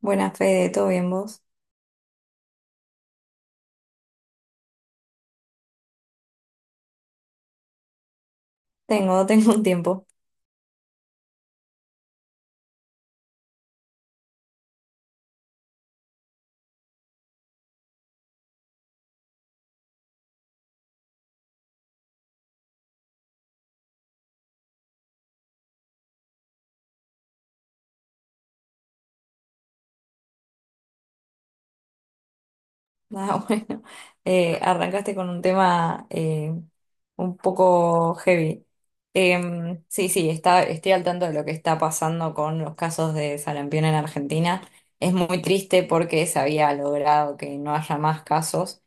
Buena Fede, ¿todo bien vos? Tengo, tengo un tiempo. Nada, bueno. Arrancaste con un tema un poco heavy. Sí, sí, estoy al tanto de lo que está pasando con los casos de sarampión en Argentina. Es muy triste porque se había logrado que no haya más casos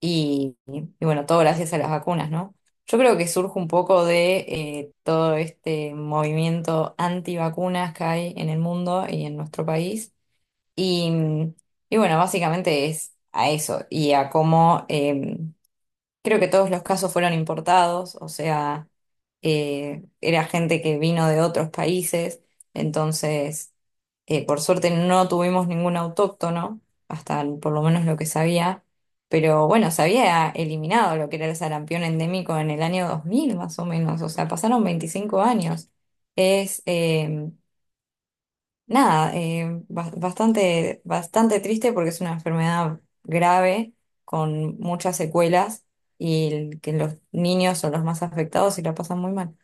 y, bueno, todo gracias a las vacunas, ¿no? Yo creo que surge un poco de todo este movimiento antivacunas que hay en el mundo y en nuestro país. Y, mm, y bueno, básicamente es a eso y a cómo creo que todos los casos fueron importados, o sea, era gente que vino de otros países. Entonces, por suerte no tuvimos ningún autóctono, hasta por lo menos lo que sabía. Pero bueno, se había eliminado lo que era el sarampión endémico en el año 2000 más o menos, o sea, pasaron 25 años. Es, em, Nada, bastante, bastante triste porque es una enfermedad grave con muchas secuelas y que los niños son los más afectados y la pasan muy mal.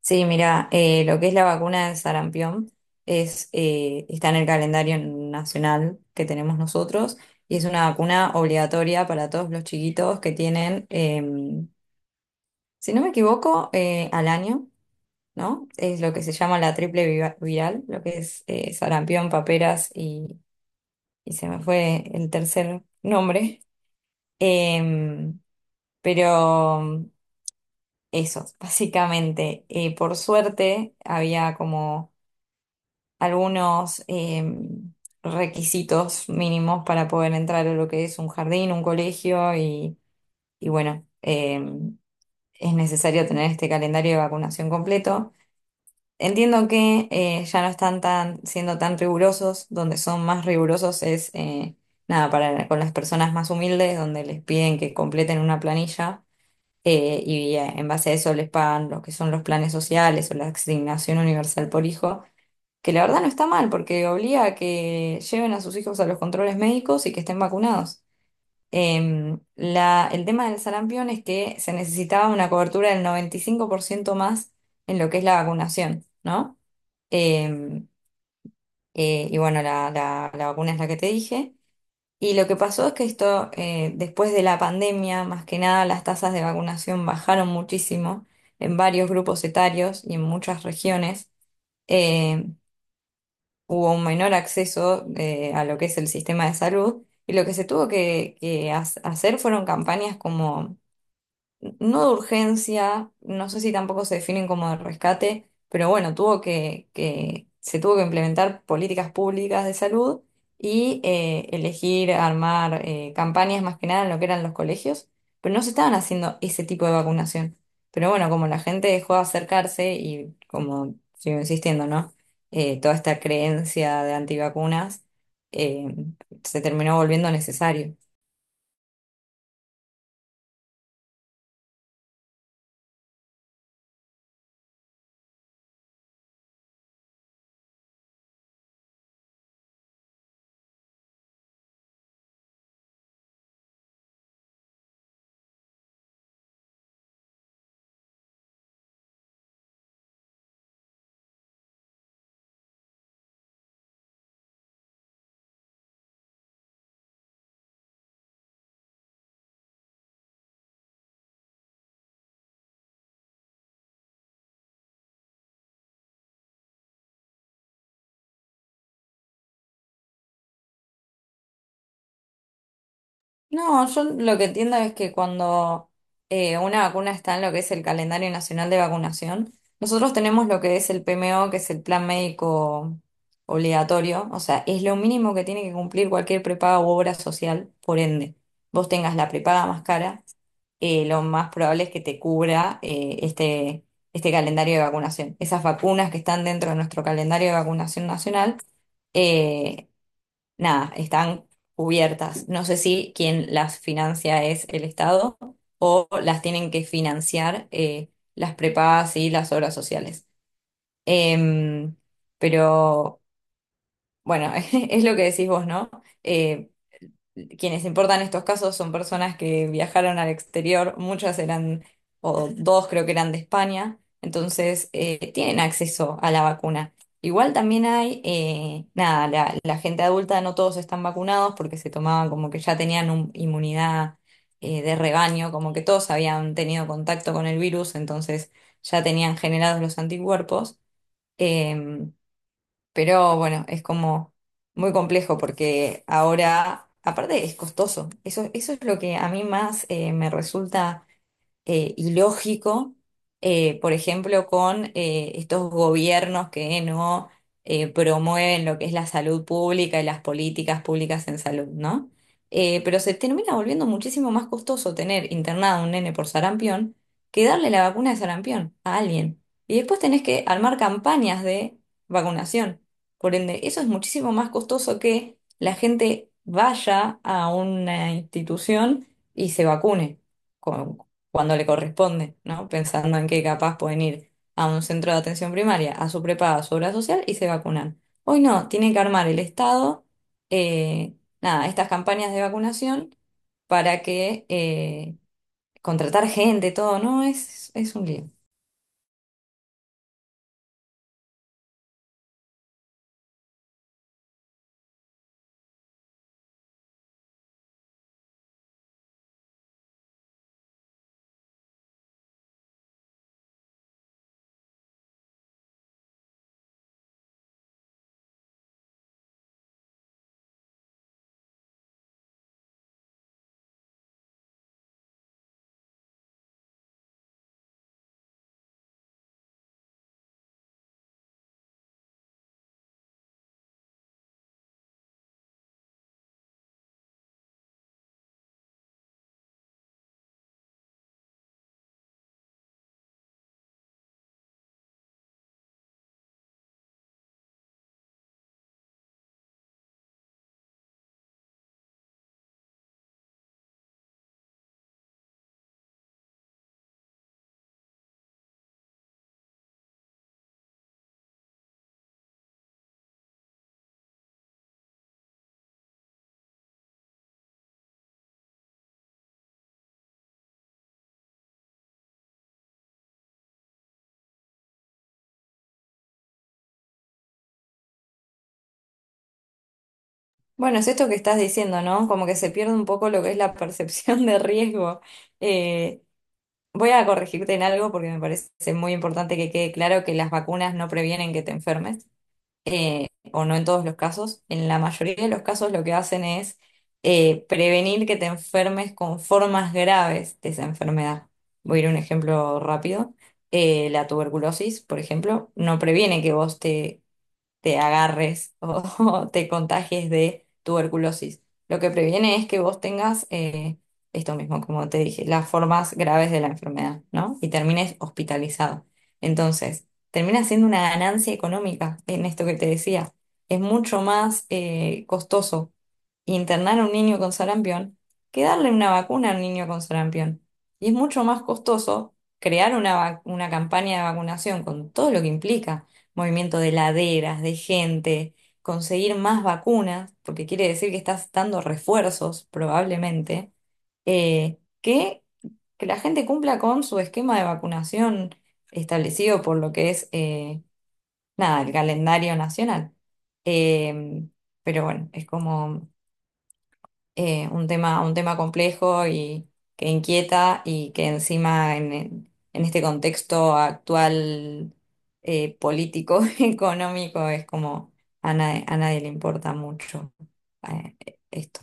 Sí, mira, lo que es la vacuna de sarampión está en el calendario nacional que tenemos nosotros y es una vacuna obligatoria para todos los chiquitos que tienen, si no me equivoco, al año. ¿No? Es lo que se llama la triple viral, lo que es sarampión, paperas, y se me fue el tercer nombre. Em, pero eso, básicamente. Por suerte había como algunos requisitos mínimos para poder entrar a lo que es un jardín, un colegio, y bueno, em, es necesario tener este calendario de vacunación completo. Entiendo que ya no están siendo tan rigurosos. Donde son más rigurosos es, nada, con las personas más humildes, donde les piden que completen una planilla y en base a eso les pagan lo que son los planes sociales o la asignación universal por hijo, que la verdad no está mal porque obliga a que lleven a sus hijos a los controles médicos y que estén vacunados. El tema del sarampión es que se necesitaba una cobertura del 95% más en lo que es la vacunación, ¿no? Eh, y bueno, la vacuna es la que te dije. Y lo que pasó es que esto, después de la pandemia, más que nada, las tasas de vacunación bajaron muchísimo en varios grupos etarios y en muchas regiones. Eh, hubo un menor acceso a lo que es el sistema de salud. Y lo que se tuvo hacer fueron campañas como no de urgencia, no sé si tampoco se definen como de rescate, pero bueno, tuvo que se tuvo que implementar políticas públicas de salud y elegir armar campañas más que nada en lo que eran los colegios, pero no se estaban haciendo ese tipo de vacunación. Pero bueno, como la gente dejó de acercarse y como sigo insistiendo, ¿no? Toda esta creencia de antivacunas eh, se terminó volviendo necesario. No, yo lo que entiendo es que cuando una vacuna está en lo que es el calendario nacional de vacunación, nosotros tenemos lo que es el PMO, que es el plan médico obligatorio, o sea, es lo mínimo que tiene que cumplir cualquier prepaga u obra social. Por ende, vos tengas la prepaga más cara, lo más probable es que te cubra este calendario de vacunación. Esas vacunas que están dentro de nuestro calendario de vacunación nacional eh, nada, están cubiertas. No sé si quien las financia es el Estado o las tienen que financiar las prepagas y las obras sociales. Em, pero bueno, es lo que decís vos, ¿no? Eh, quienes importan estos casos son personas que viajaron al exterior, muchas eran, o dos creo que eran de España, entonces tienen acceso a la vacuna. Igual también hay, nada, la gente adulta no todos están vacunados porque se tomaban como que ya tenían inmunidad de rebaño, como que todos habían tenido contacto con el virus, entonces ya tenían generados los anticuerpos. em, pero bueno, es como muy complejo porque ahora, aparte es costoso. Eso es lo que a mí más me resulta ilógico, por ejemplo, con estos gobiernos que no promueven lo que es la salud pública y las políticas públicas en salud, ¿no? Pero se termina volviendo muchísimo más costoso tener internado a un nene por sarampión que darle la vacuna de sarampión a alguien. Y después tenés que armar campañas de vacunación. Por ende, eso es muchísimo más costoso que la gente vaya a una institución y se vacune cuando le corresponde, ¿no? Pensando en que capaz pueden ir a un centro de atención primaria, a su prepaga, a su obra social y se vacunan. Hoy no, tiene que armar el Estado, eh, nada, estas campañas de vacunación para que contratar gente, todo, ¿no? Es un lío. Bueno, es esto que estás diciendo, ¿no? Como que se pierde un poco lo que es la percepción de riesgo. Eh, voy a corregirte en algo porque me parece muy importante que quede claro que las vacunas no previenen que te enfermes. eh, o no en todos los casos, en la mayoría de los casos lo que hacen es prevenir que te enfermes con formas graves de esa enfermedad. Voy a ir a un ejemplo rápido. La tuberculosis, por ejemplo, no previene que vos te agarres o, te contagies de tuberculosis. Lo que previene es que vos tengas esto mismo, como te dije, las formas graves de la enfermedad, ¿no? Y termines hospitalizado. Entonces, termina siendo una ganancia económica en esto que te decía. Es mucho más costoso internar a un niño con sarampión que darle una vacuna a un niño con sarampión. Y es mucho más costoso crear una campaña de vacunación con todo lo que implica, movimiento de laderas, de gente, conseguir más vacunas, porque quiere decir que estás dando refuerzos probablemente, eh, que, que la gente cumpla con su esquema de vacunación establecido por lo que es, nada, el calendario nacional. Em, pero bueno, es como un tema complejo y que inquieta y que encima en este contexto actual político, económico, es como a nadie le importa mucho eh, esto.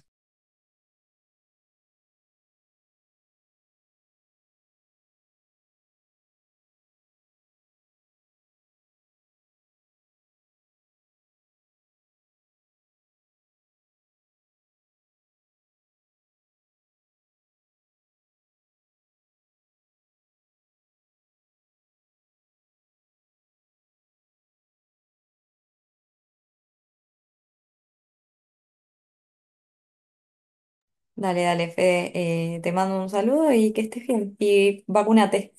Dale, dale, Fede, te mando un saludo y que estés bien. Y vacúnate.